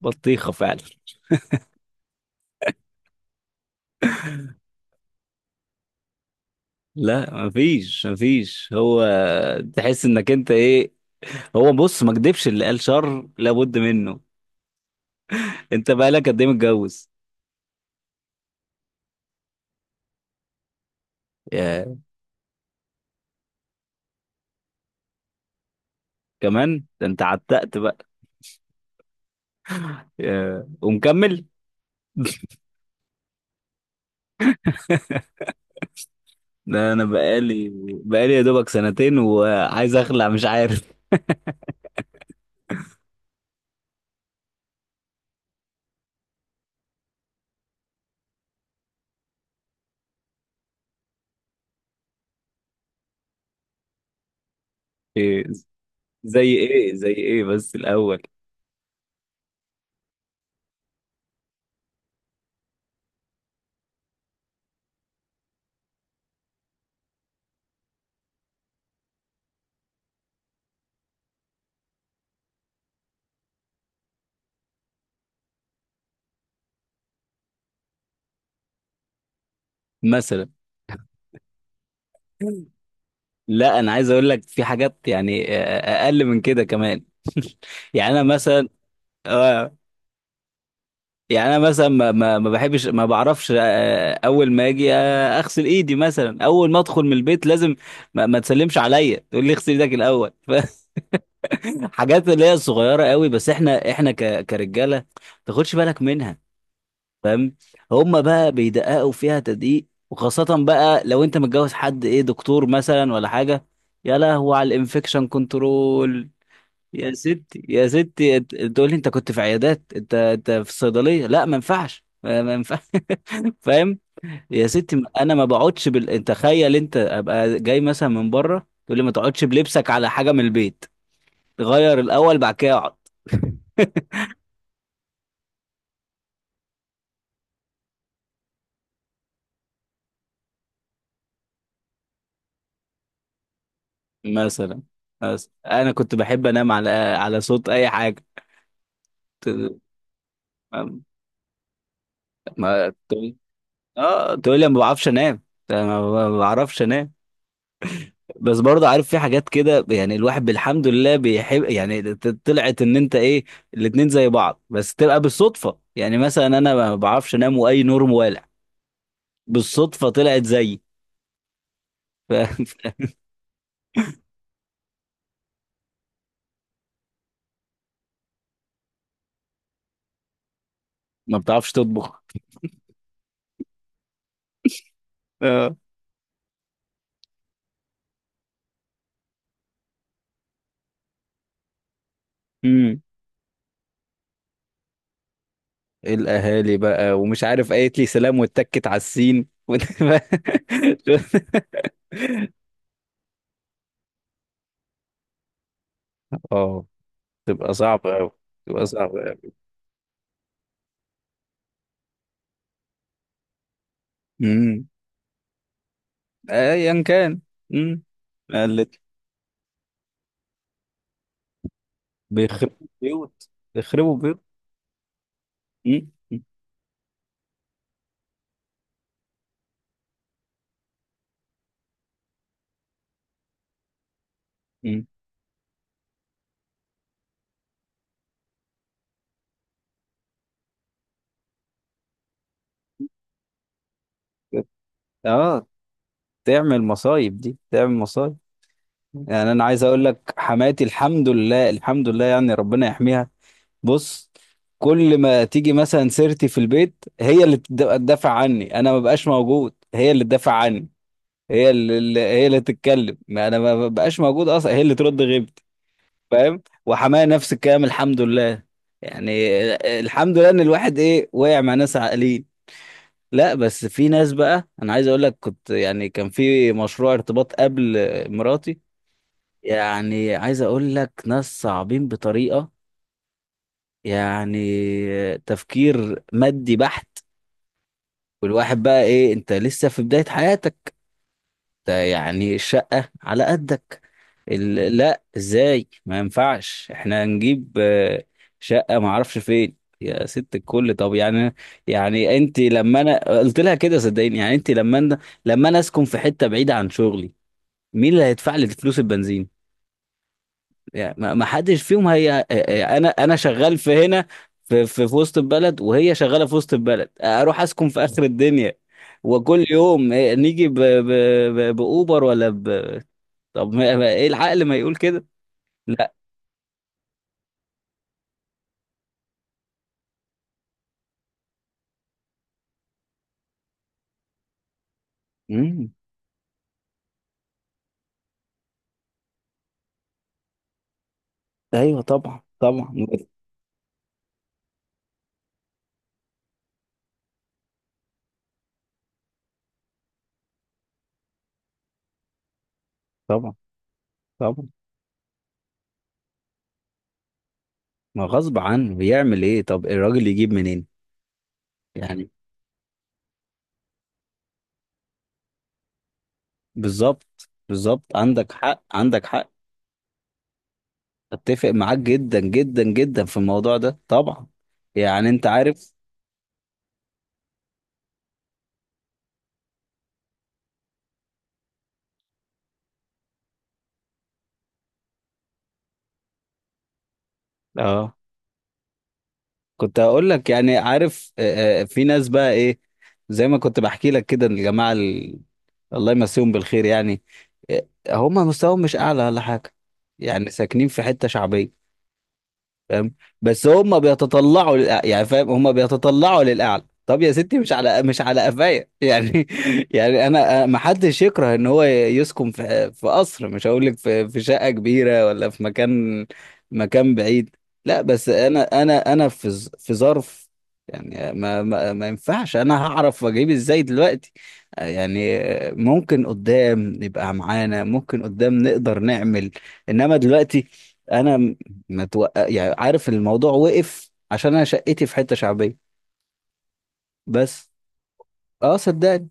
بطيخة فعلا. لا، مفيش هو، تحس انك انت ايه. هو بص، ما كدبش اللي قال شر لابد منه. انت بقالك قد ايه متجوز؟ يا. كمان؟ ده انت عتقت بقى. يا؟ ومكمل؟ ده انا بقالي يا دوبك سنتين وعايز اخلع، مش عارف. إيه؟ زي ايه؟ زي ايه بس الاول؟ مثلا. لا، انا عايز اقول لك في حاجات، يعني اقل من كده كمان. يعني انا مثلا. آه، يعني انا مثلا، ما بحبش ما بعرفش، اول ما اجي، اغسل ايدي مثلا، اول ما ادخل من البيت لازم. ما تسلمش عليا، تقول لي اغسل ايدك الاول. حاجات اللي هي صغيره قوي، بس احنا احنا ك كرجاله ما تاخدش بالك منها. فاهم؟ هم بقى بيدققوا فيها تدقيق، وخاصه بقى لو انت متجوز حد ايه، دكتور مثلا ولا حاجه. يا لهو على الانفكشن كنترول. يا ستي، يا ستي تقول لي انت كنت في عيادات، انت في الصيدليه. لا، ما ينفعش، ما ينفعش. فاهم؟ يا ستي انا ما بقعدش بال، انت تخيل انت ابقى جاي مثلا من بره، تقول لي ما تقعدش بلبسك على حاجه من البيت، غير الاول بعد كده اقعد. مثلا. بس انا كنت بحب انام على صوت اي حاجه. ت- ما تقول. اه، تقول لي أنا ما بعرفش انام. أنا ما بعرفش انام. بس برضه عارف في حاجات كده، يعني الواحد بالحمد لله بيحب، يعني طلعت ان انت ايه. الاتنين زي بعض بس تبقى بالصدفة، يعني مثلا انا ما بعرفش انام واي نور موالع. بالصدفة طلعت زيي. ف- ما بتعرفش تطبخ. اه. امم. الاهالي بقى ومش عارف، قالت لي سلام واتكت على السين. اه، تبقى صعبة قوي. تبقى صعبة قوي. امم. ايا كان. امم. قالت. بيخربوا بيوت. بيخربوا بيوت. مم. مم. مم. اه، تعمل مصايب، دي تعمل مصايب. يعني انا عايز اقول لك حماتي، الحمد لله، الحمد لله، يعني ربنا يحميها. بص، كل ما تيجي مثلا سيرتي في البيت، هي اللي تدافع عني، انا ما بقاش موجود، هي اللي تدافع عني. هي اللي تتكلم، ما انا ما بقاش موجود اصلا، هي اللي ترد غيبتي. فاهم؟ وحماية نفس الكلام، الحمد لله. يعني الحمد لله ان الواحد ايه، وقع مع ناس عاقلين. لا، بس في ناس بقى، انا عايز اقول لك كنت، يعني كان في مشروع ارتباط قبل مراتي. يعني عايز اقول لك ناس صعبين بطريقة، يعني تفكير مادي بحت. والواحد بقى ايه، انت لسه في بداية حياتك. ده يعني الشقة على قدك. لا، ازاي؟ ما ينفعش، احنا هنجيب شقة ما اعرفش فين يا ست الكل. طب يعني، يعني انت لما انا قلت لها كده صدقيني، يعني انت لما انا اسكن في حتة بعيدة عن شغلي. مين اللي هيدفع لي فلوس البنزين؟ يعني ما حدش فيهم، هي انا شغال في هنا، في وسط البلد، وهي شغالة في وسط البلد، اروح اسكن في اخر الدنيا؟ وكل يوم نيجي باوبر ولا طب ما... ما... ايه العقل ما يقول كده. لا. مم. ايوه، طبعا، طبعا. طبعا، طبعا. ما غصب عنه، بيعمل ايه؟ طب الراجل يجيب منين؟ يعني بالظبط، بالظبط، عندك حق، عندك حق. اتفق معاك جدا جدا جدا في الموضوع ده طبعا. يعني انت عارف. اه، كنت هقول لك، يعني عارف، في ناس بقى ايه. زي ما كنت بحكي لك كده، الجماعه الله يمسيهم بالخير يعني. هم مستواهم مش اعلى ولا حاجه، يعني ساكنين في حته شعبيه. فاهم؟ بس هم بيتطلعوا يعني فاهم؟ هم بيتطلعوا للاعلى، طب يا ستي مش على، مش على قفايا. يعني يعني انا ما حدش يكره ان هو يسكن في في قصر، مش هقول لك في شقه كبيره ولا في مكان، مكان بعيد. لا، بس انا في في ظرف. يعني ما ينفعش، انا هعرف اجيب ازاي دلوقتي؟ يعني ممكن قدام يبقى معانا، ممكن قدام نقدر نعمل. انما دلوقتي، انا ما توقع، يعني عارف، الموضوع وقف عشان انا شقتي في حته شعبيه. بس، اه صدقني.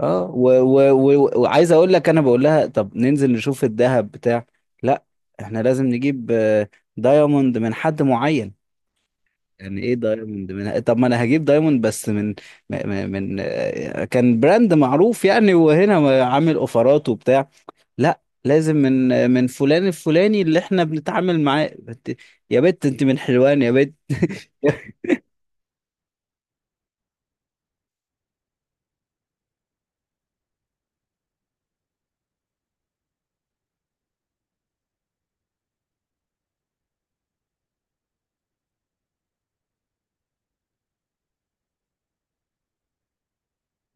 اه، وعايز اقول لك، انا بقول لها طب ننزل نشوف الذهب بتاع. لا، احنا لازم نجيب دايموند من حد معين. يعني ايه دايموند من؟ طب ما انا هجيب دايموند بس من من كان براند معروف يعني، وهنا عامل اوفرات وبتاع. لا، لازم من من فلان الفلاني اللي احنا بنتعامل معاه يا بت انت من حلوان يا بت.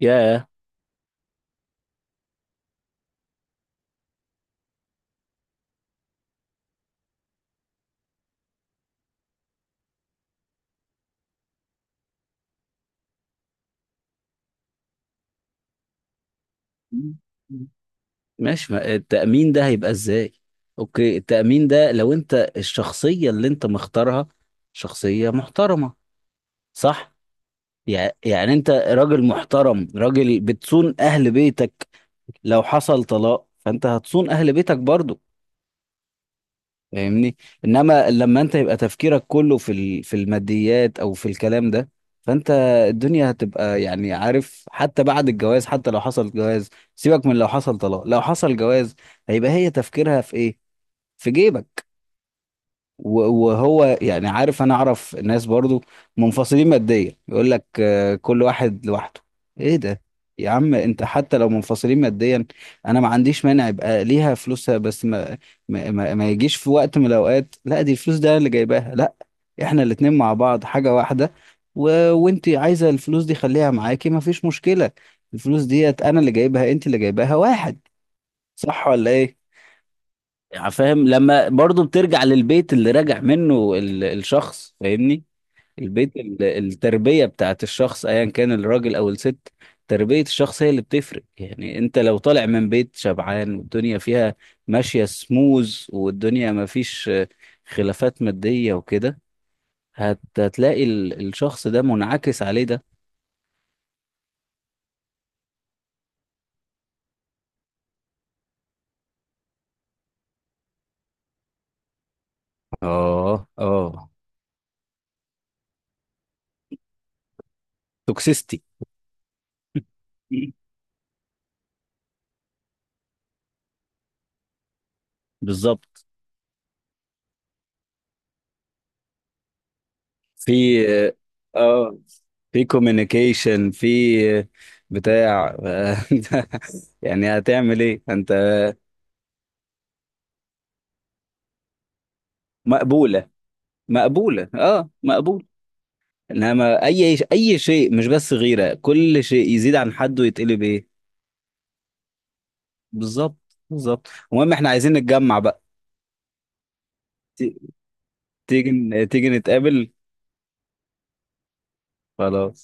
ياه. ماشي، ما التأمين ده هيبقى ازاي؟ اوكي، التأمين ده لو انت الشخصية اللي انت مختارها، شخصية محترمة. صح؟ يعني انت راجل محترم، راجل بتصون اهل بيتك. لو حصل طلاق، فانت هتصون اهل بيتك برضو. فاهمني؟ انما لما انت يبقى تفكيرك كله في في الماديات او في الكلام ده، فانت الدنيا هتبقى، يعني عارف، حتى بعد الجواز، حتى لو حصل جواز، سيبك من لو حصل طلاق، لو حصل جواز، هيبقى هي تفكيرها في ايه؟ في جيبك. وهو يعني عارف، انا اعرف ناس برضو منفصلين ماديا، يقول لك كل واحد لوحده. ايه ده؟ يا عم انت حتى لو منفصلين ماديا، انا ما عنديش مانع يبقى ليها فلوسها، بس ما يجيش في وقت من الاوقات، لا دي الفلوس ده أنا اللي جايباها، لا. احنا الاتنين مع بعض حاجة واحدة. وانت عايزة الفلوس دي خليها معاكي، ما فيش مشكلة. الفلوس ديت انا اللي جايبها، انت اللي جايباها، واحد. صح ولا ايه؟ يعني فاهم؟ لما برضو بترجع للبيت اللي راجع منه الشخص، فاهمني؟ البيت، التربية بتاعت الشخص، ايا كان الراجل او الست، تربية الشخص هي اللي بتفرق. يعني انت لو طالع من بيت شبعان، والدنيا فيها ماشية سموز، والدنيا ما فيش خلافات مادية وكده، هتلاقي الشخص ده منعكس عليه ده. اه، اه. توكسيستي. بالظبط. في اه في كوميونيكيشن، في بتاع. يعني هتعمل ايه انت؟ مقبولة. مقبولة، اه، مقبول. انما اي شيء، مش بس غيرة، كل شيء يزيد عن حده يتقلب ايه. بالظبط. بالظبط. المهم احنا عايزين نتجمع بقى. ت- تيجي تيجي نتقابل. خلاص.